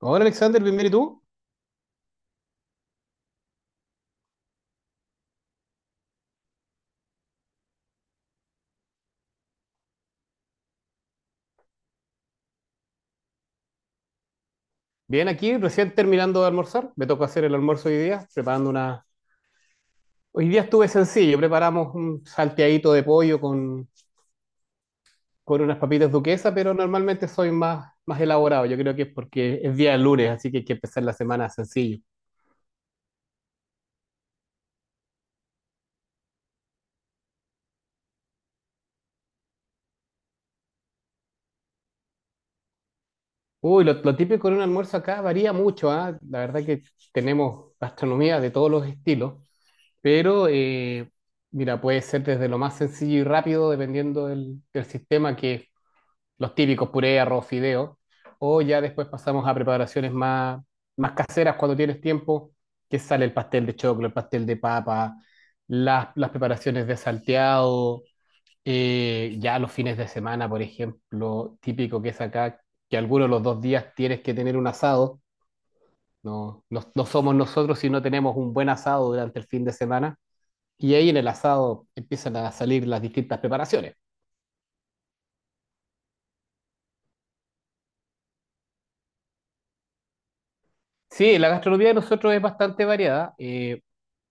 Hola Alexander, bienvenido. ¿Y tú? Bien aquí, recién terminando de almorzar. Me tocó hacer el almuerzo hoy día, preparando una. Hoy día estuve sencillo, preparamos un salteadito de pollo con unas papitas duquesa, pero normalmente soy más elaborado. Yo creo que es porque es día de lunes, así que hay que empezar la semana sencillo. Uy, lo típico en un almuerzo acá varía mucho, ¿ah? La verdad que tenemos gastronomía de todos los estilos, pero mira, puede ser desde lo más sencillo y rápido, dependiendo del sistema que los típicos puré, arroz, fideo, o ya después pasamos a preparaciones más caseras cuando tienes tiempo, que sale el pastel de choclo, el pastel de papa, las preparaciones de salteado, ya los fines de semana, por ejemplo, típico que es acá, que algunos de los 2 días tienes que tener un asado, no, no, no somos nosotros si no tenemos un buen asado durante el fin de semana, y ahí en el asado empiezan a salir las distintas preparaciones. Sí, la gastronomía de nosotros es bastante variada.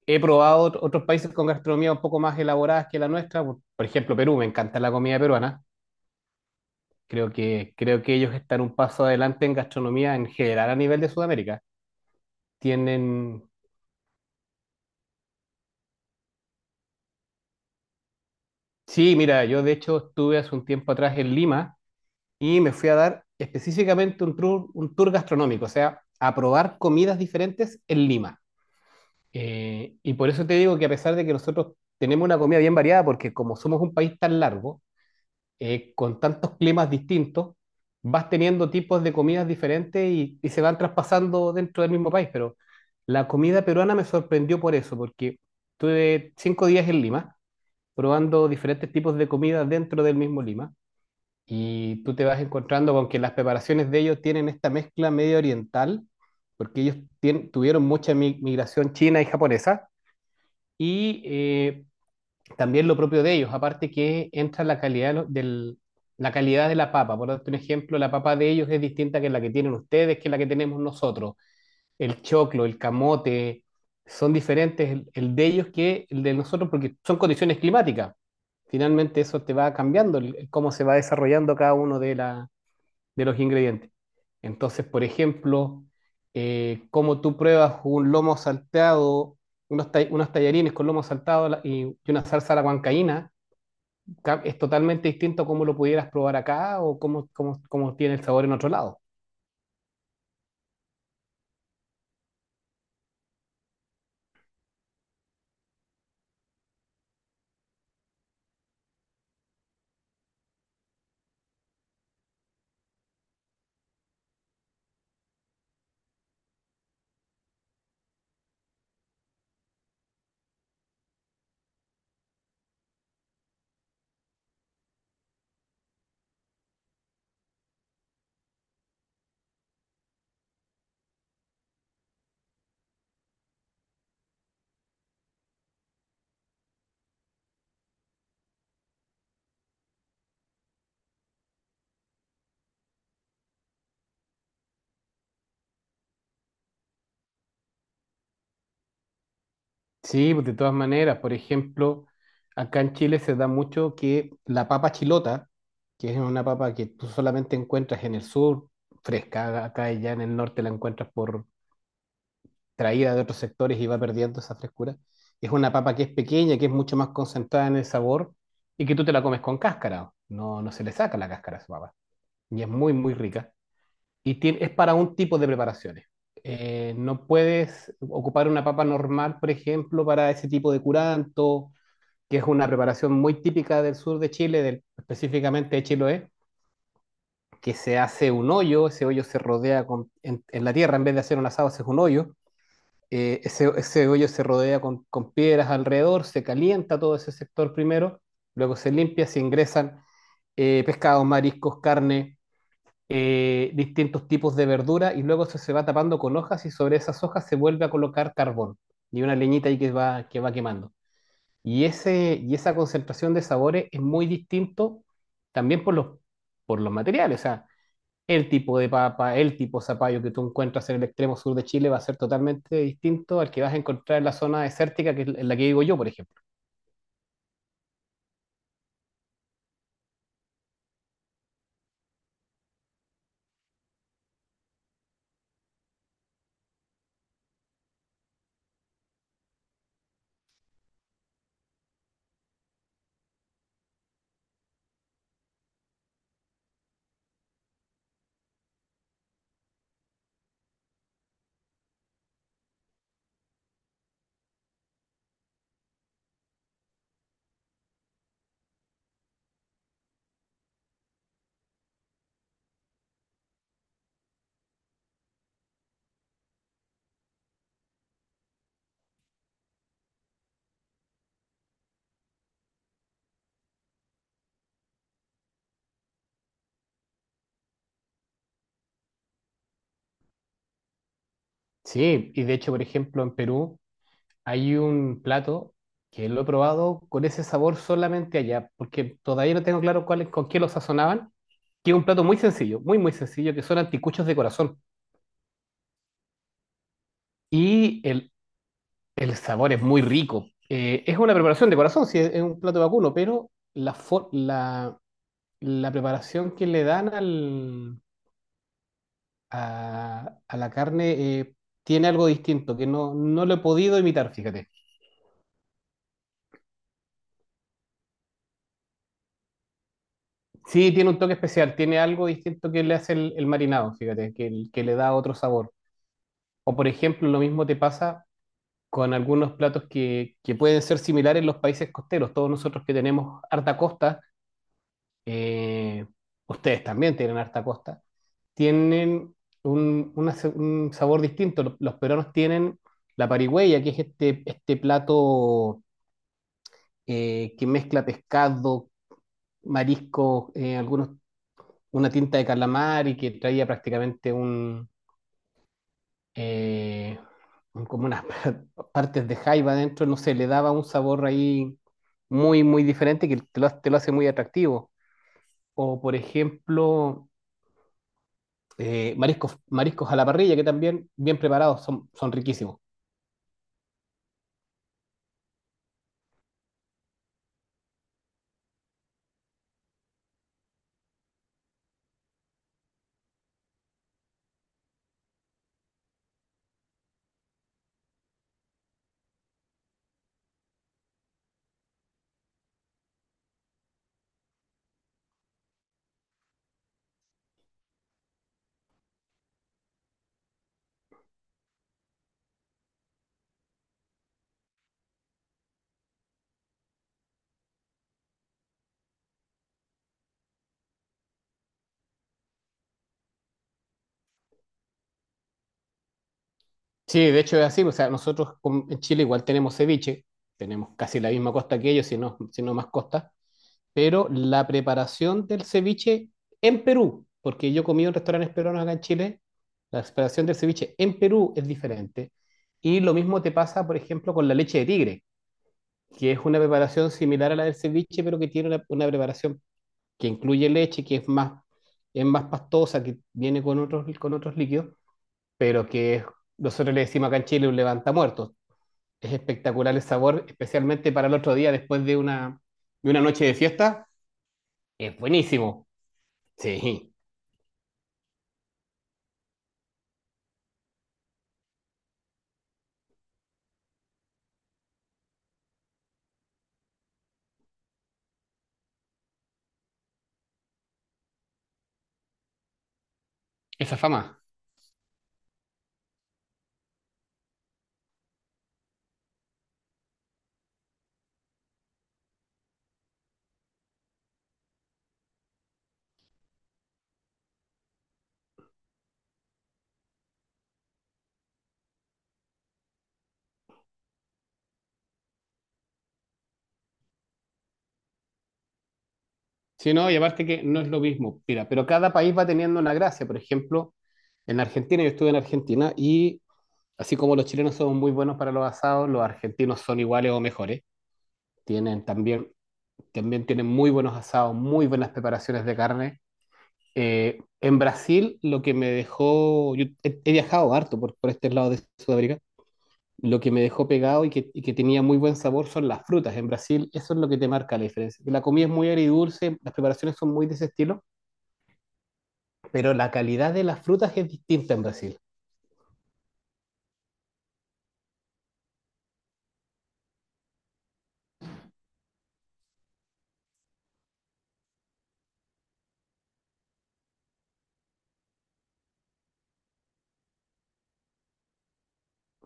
He probado otros países con gastronomía un poco más elaboradas que la nuestra. Por ejemplo, Perú, me encanta la comida peruana. Creo que ellos están un paso adelante en gastronomía en general a nivel de Sudamérica. Tienen. Sí, mira, yo de hecho estuve hace un tiempo atrás en Lima y me fui a dar específicamente un tour gastronómico, o sea, a probar comidas diferentes en Lima. Y por eso te digo que a pesar de que nosotros tenemos una comida bien variada, porque como somos un país tan largo, con tantos climas distintos, vas teniendo tipos de comidas diferentes y se van traspasando dentro del mismo país. Pero la comida peruana me sorprendió por eso, porque tuve 5 días en Lima, probando diferentes tipos de comida dentro del mismo Lima, y tú te vas encontrando con que las preparaciones de ellos tienen esta mezcla medio oriental, porque ellos tuvieron mucha migración china y japonesa, y también lo propio de ellos, aparte que entra la calidad de la calidad de la papa. Por darte un ejemplo, la papa de ellos es distinta que la que tienen ustedes, que la que tenemos nosotros. El choclo, el camote, son diferentes el de ellos que el de nosotros porque son condiciones climáticas. Finalmente eso te va cambiando el cómo se va desarrollando cada uno de los ingredientes. Entonces, por ejemplo, como tú pruebas un lomo salteado, unos tallarines con lomo saltado y una salsa a la huancaína, es totalmente distinto a cómo lo pudieras probar acá o cómo tiene el sabor en otro lado. Sí, pues de todas maneras, por ejemplo, acá en Chile se da mucho que la papa chilota, que es una papa que tú solamente encuentras en el sur, fresca, acá y ya en el norte la encuentras por traída de otros sectores y va perdiendo esa frescura. Es una papa que es pequeña, que es mucho más concentrada en el sabor y que tú te la comes con cáscara. No, no se le saca la cáscara a esa papa. Y es muy, muy rica. Y es para un tipo de preparaciones. No puedes ocupar una papa normal, por ejemplo, para ese tipo de curanto, que es una preparación muy típica del sur de Chile, específicamente de Chiloé, que se hace un hoyo, ese hoyo se rodea en la tierra, en vez de hacer un asado, haces un hoyo, ese hoyo se rodea con piedras alrededor, se calienta todo ese sector primero, luego se limpia, se ingresan pescados, mariscos, carne, distintos tipos de verdura y luego eso se va tapando con hojas y sobre esas hojas se vuelve a colocar carbón y una leñita ahí que va quemando. Y esa concentración de sabores es muy distinto también por los materiales. O sea, el tipo de papa, el tipo de zapallo que tú encuentras en el extremo sur de Chile va a ser totalmente distinto al que vas a encontrar en la zona desértica, que es en la que vivo yo, por ejemplo. Sí, y de hecho, por ejemplo, en Perú hay un plato que lo he probado con ese sabor solamente allá, porque todavía no tengo claro cuál, con qué lo sazonaban, que es un plato muy sencillo, muy, muy sencillo, que son anticuchos de corazón. Y el sabor es muy rico. Es una preparación de corazón, sí, es un plato vacuno, pero la preparación que le dan a la carne tiene algo distinto, que no lo he podido imitar, fíjate. Sí, tiene un toque especial, tiene algo distinto que le hace el marinado, fíjate, que le da otro sabor. O por ejemplo, lo mismo te pasa con algunos platos que pueden ser similares en los países costeros. Todos nosotros que tenemos harta costa, eh, ustedes también tienen harta costa, tienen un sabor distinto. Los peruanos tienen la parigüeya, que es este plato que mezcla pescado, marisco, una tinta de calamar y que traía prácticamente eh, como unas partes de jaiba adentro, no sé, le daba un sabor ahí muy, muy diferente que te lo hace muy atractivo. O, por ejemplo, mariscos, mariscos a la parrilla, que también bien preparados son, son riquísimos. Sí, de hecho es así, o sea, nosotros en Chile igual tenemos ceviche, tenemos casi la misma costa que ellos, si no, si no más costa, pero la preparación del ceviche en Perú, porque yo comí en restaurantes peruanos acá en Chile, la preparación del ceviche en Perú es diferente. Y lo mismo te pasa, por ejemplo, con la leche de tigre, que es una preparación similar a la del ceviche, pero que tiene una preparación que incluye leche, que es más pastosa, que viene con otros líquidos, pero nosotros le decimos acá en Chile un levantamuertos. Es espectacular el sabor, especialmente para el otro día después de una noche de fiesta. Es buenísimo. Sí, esa fama. Sí, no, y aparte que no es lo mismo. Mira, pero cada país va teniendo una gracia. Por ejemplo, en Argentina, yo estuve en Argentina y así como los chilenos son muy buenos para los asados, los argentinos son iguales o mejores. Tienen también También tienen muy buenos asados, muy buenas preparaciones de carne. En Brasil, lo que me dejó, yo he viajado harto por este lado de Sudamérica, lo que me dejó pegado y que tenía muy buen sabor son las frutas. En Brasil, eso es lo que te marca la diferencia. La comida es muy agridulce, las preparaciones son muy de ese estilo, pero la calidad de las frutas es distinta en Brasil.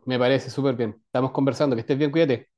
Me parece súper bien. Estamos conversando, que estés bien, cuídate.